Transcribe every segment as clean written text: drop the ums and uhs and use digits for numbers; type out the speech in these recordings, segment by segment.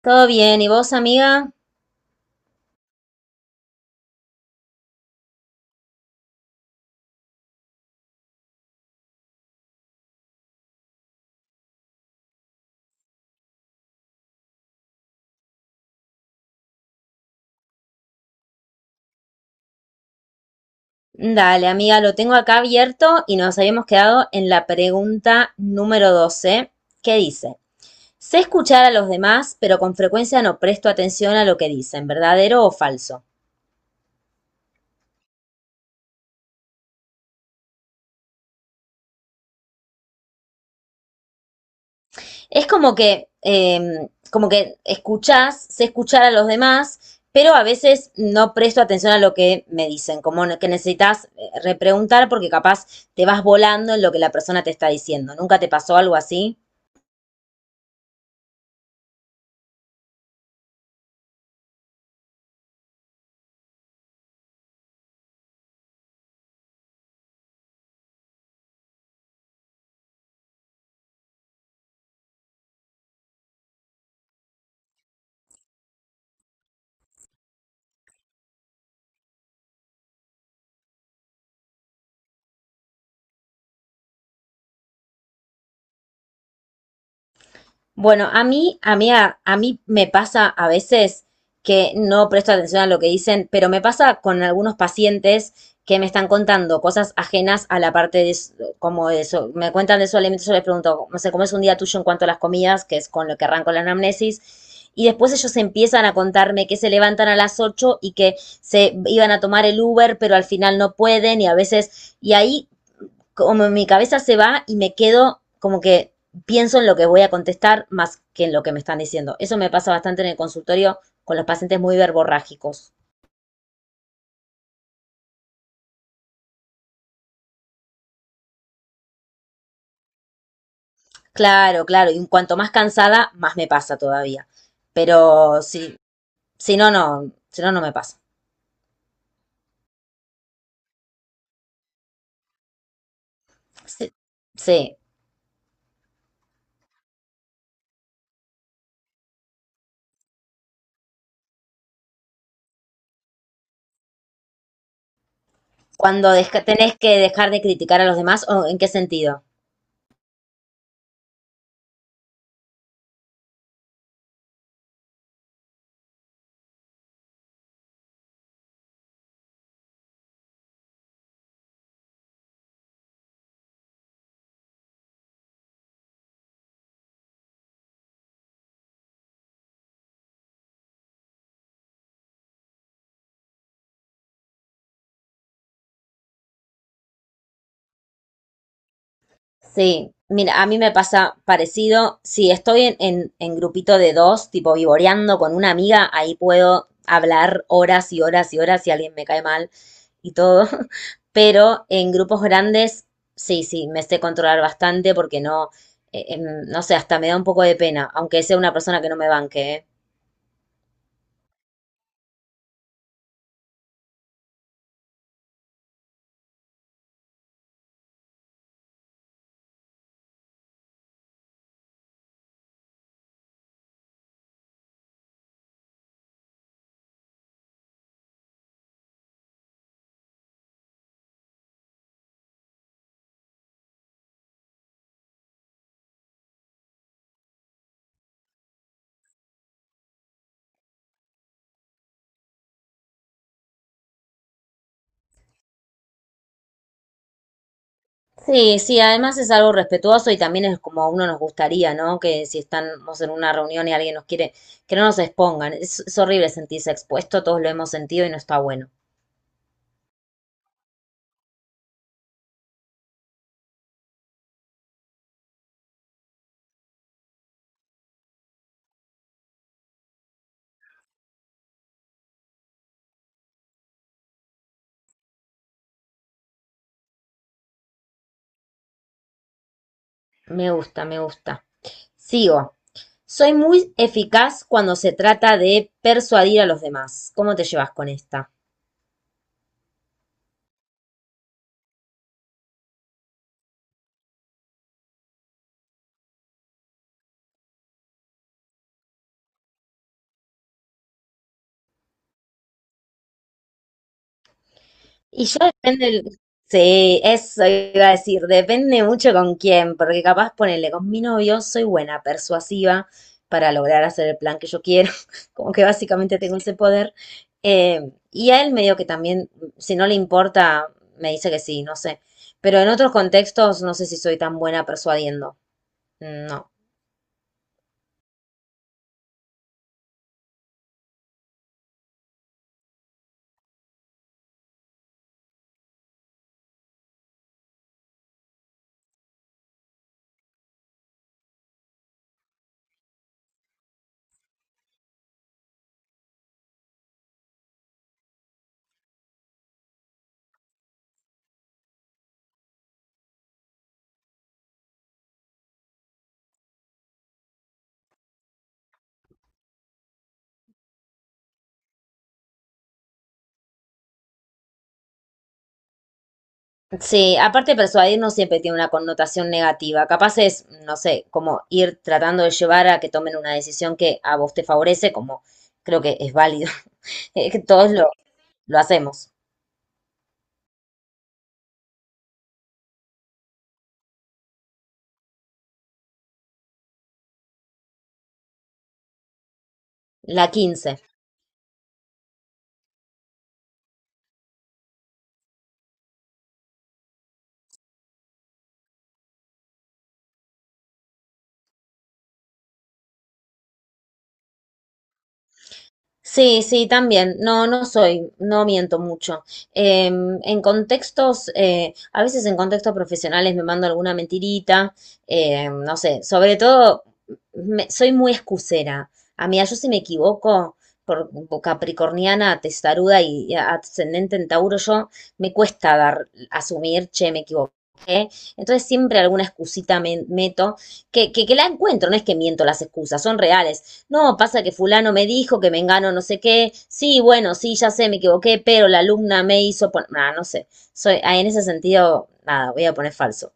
Todo bien, ¿y vos, amiga? Dale, amiga, lo tengo acá abierto y nos habíamos quedado en la pregunta número 12 que dice, sé escuchar a los demás, pero con frecuencia no presto atención a lo que dicen, ¿verdadero o falso? Es como que escuchás, sé escuchar a los demás, pero a veces no presto atención a lo que me dicen, como no, que necesitas repreguntar porque capaz te vas volando en lo que la persona te está diciendo. ¿Nunca te pasó algo así? Bueno, a mí me pasa a veces que no presto atención a lo que dicen, pero me pasa con algunos pacientes que me están contando cosas ajenas a la parte como eso. Me cuentan de su alimento, yo les pregunto, no sé, ¿cómo es un día tuyo en cuanto a las comidas? Que es con lo que arranco la anamnesis. Y después ellos empiezan a contarme que se levantan a las 8 y que se iban a tomar el Uber, pero al final no pueden y a veces, y ahí como mi cabeza se va y me quedo como que pienso en lo que voy a contestar más que en lo que me están diciendo. Eso me pasa bastante en el consultorio con los pacientes muy verborrágicos. Claro, claro, y cuanto más cansada, más me pasa todavía. Pero si no, si no, no me pasa. Sí, sí. Cuando tenés que dejar de criticar a los demás, ¿o en qué sentido? Sí, mira, a mí me pasa parecido. Si estoy en grupito de dos, tipo vivoreando con una amiga, ahí puedo hablar horas y horas y horas si alguien me cae mal y todo. Pero en grupos grandes, sí, sí, me sé controlar bastante porque no, no sé, hasta me da un poco de pena, aunque sea una persona que no me banque, ¿eh? Sí, sí, además es algo respetuoso y también es como a uno nos gustaría, ¿no? Que si estamos en una reunión y alguien nos quiere, que no nos expongan. Es horrible sentirse expuesto, todos lo hemos sentido y no está bueno. Me gusta, me gusta. Sigo. Soy muy eficaz cuando se trata de persuadir a los demás. ¿Cómo te llevas con esta? Y yo depende, sí, eso iba a decir, depende mucho con quién, porque capaz ponele con mi novio, soy buena, persuasiva para lograr hacer el plan que yo quiero, como que básicamente tengo ese poder. Y a él medio que también, si no le importa, me dice que sí, no sé. Pero en otros contextos no sé si soy tan buena persuadiendo. No. Sí, aparte persuadir no siempre tiene una connotación negativa. Capaz es, no sé, como ir tratando de llevar a que tomen una decisión que a vos te favorece, como creo que es válido. Que todos lo hacemos. La 15. Sí, sí, también. No, no miento mucho. A veces en contextos profesionales me mando alguna mentirita, no sé, sobre todo soy muy excusera. A mí, yo si me equivoco, por capricorniana, testaruda y ascendente en Tauro, yo me cuesta dar, asumir, che, me equivoqué. Entonces siempre alguna excusita me meto, que la encuentro, no es que miento las excusas, son reales. No, pasa que fulano me dijo que me engano no sé qué. Sí, bueno, sí, ya sé, me equivoqué, pero la alumna me hizo poner... no sé. Soy, ah, en ese sentido, nada, voy a poner falso.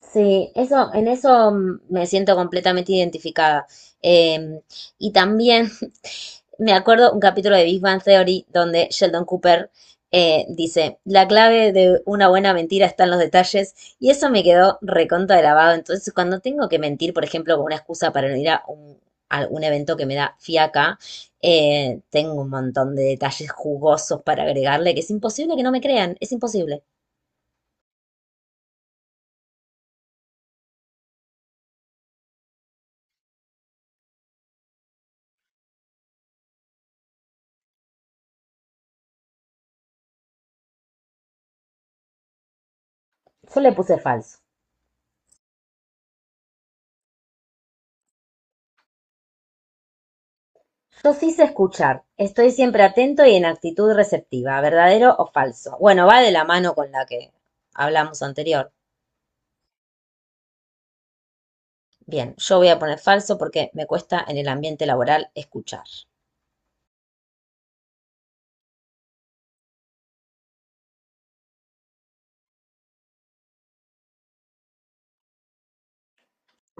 Sí, eso, en eso mm, me siento completamente identificada. Eh, y también me acuerdo un capítulo de Big Bang Theory donde Sheldon Cooper dice, la clave de una buena mentira está en los detalles y eso me quedó recontra grabado. Entonces, cuando tengo que mentir, por ejemplo, con una excusa para no ir a un, evento que me da fiaca, tengo un montón de detalles jugosos para agregarle que es imposible que no me crean, es imposible. Yo le puse falso. Yo hice escuchar. Estoy siempre atento y en actitud receptiva, verdadero o falso. Bueno, va de la mano con la que hablamos anterior. Bien, yo voy a poner falso porque me cuesta en el ambiente laboral escuchar.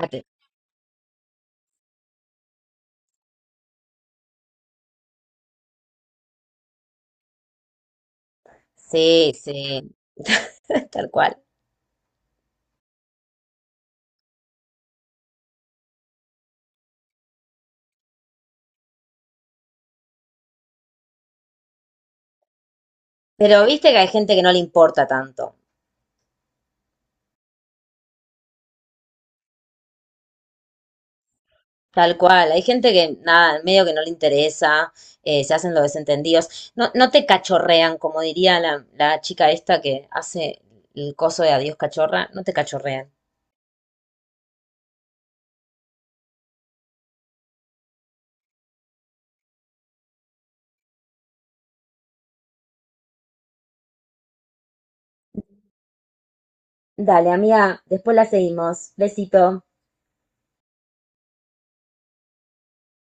Ate- Sí, sí, tal cual. Pero viste que hay gente que no le importa tanto. Tal cual, hay gente que nada, medio que no le interesa, se hacen los desentendidos. No, no te cachorrean, como diría la chica esta que hace el coso de adiós cachorra, no te cachorrean. Dale, amiga, después la seguimos. Besito.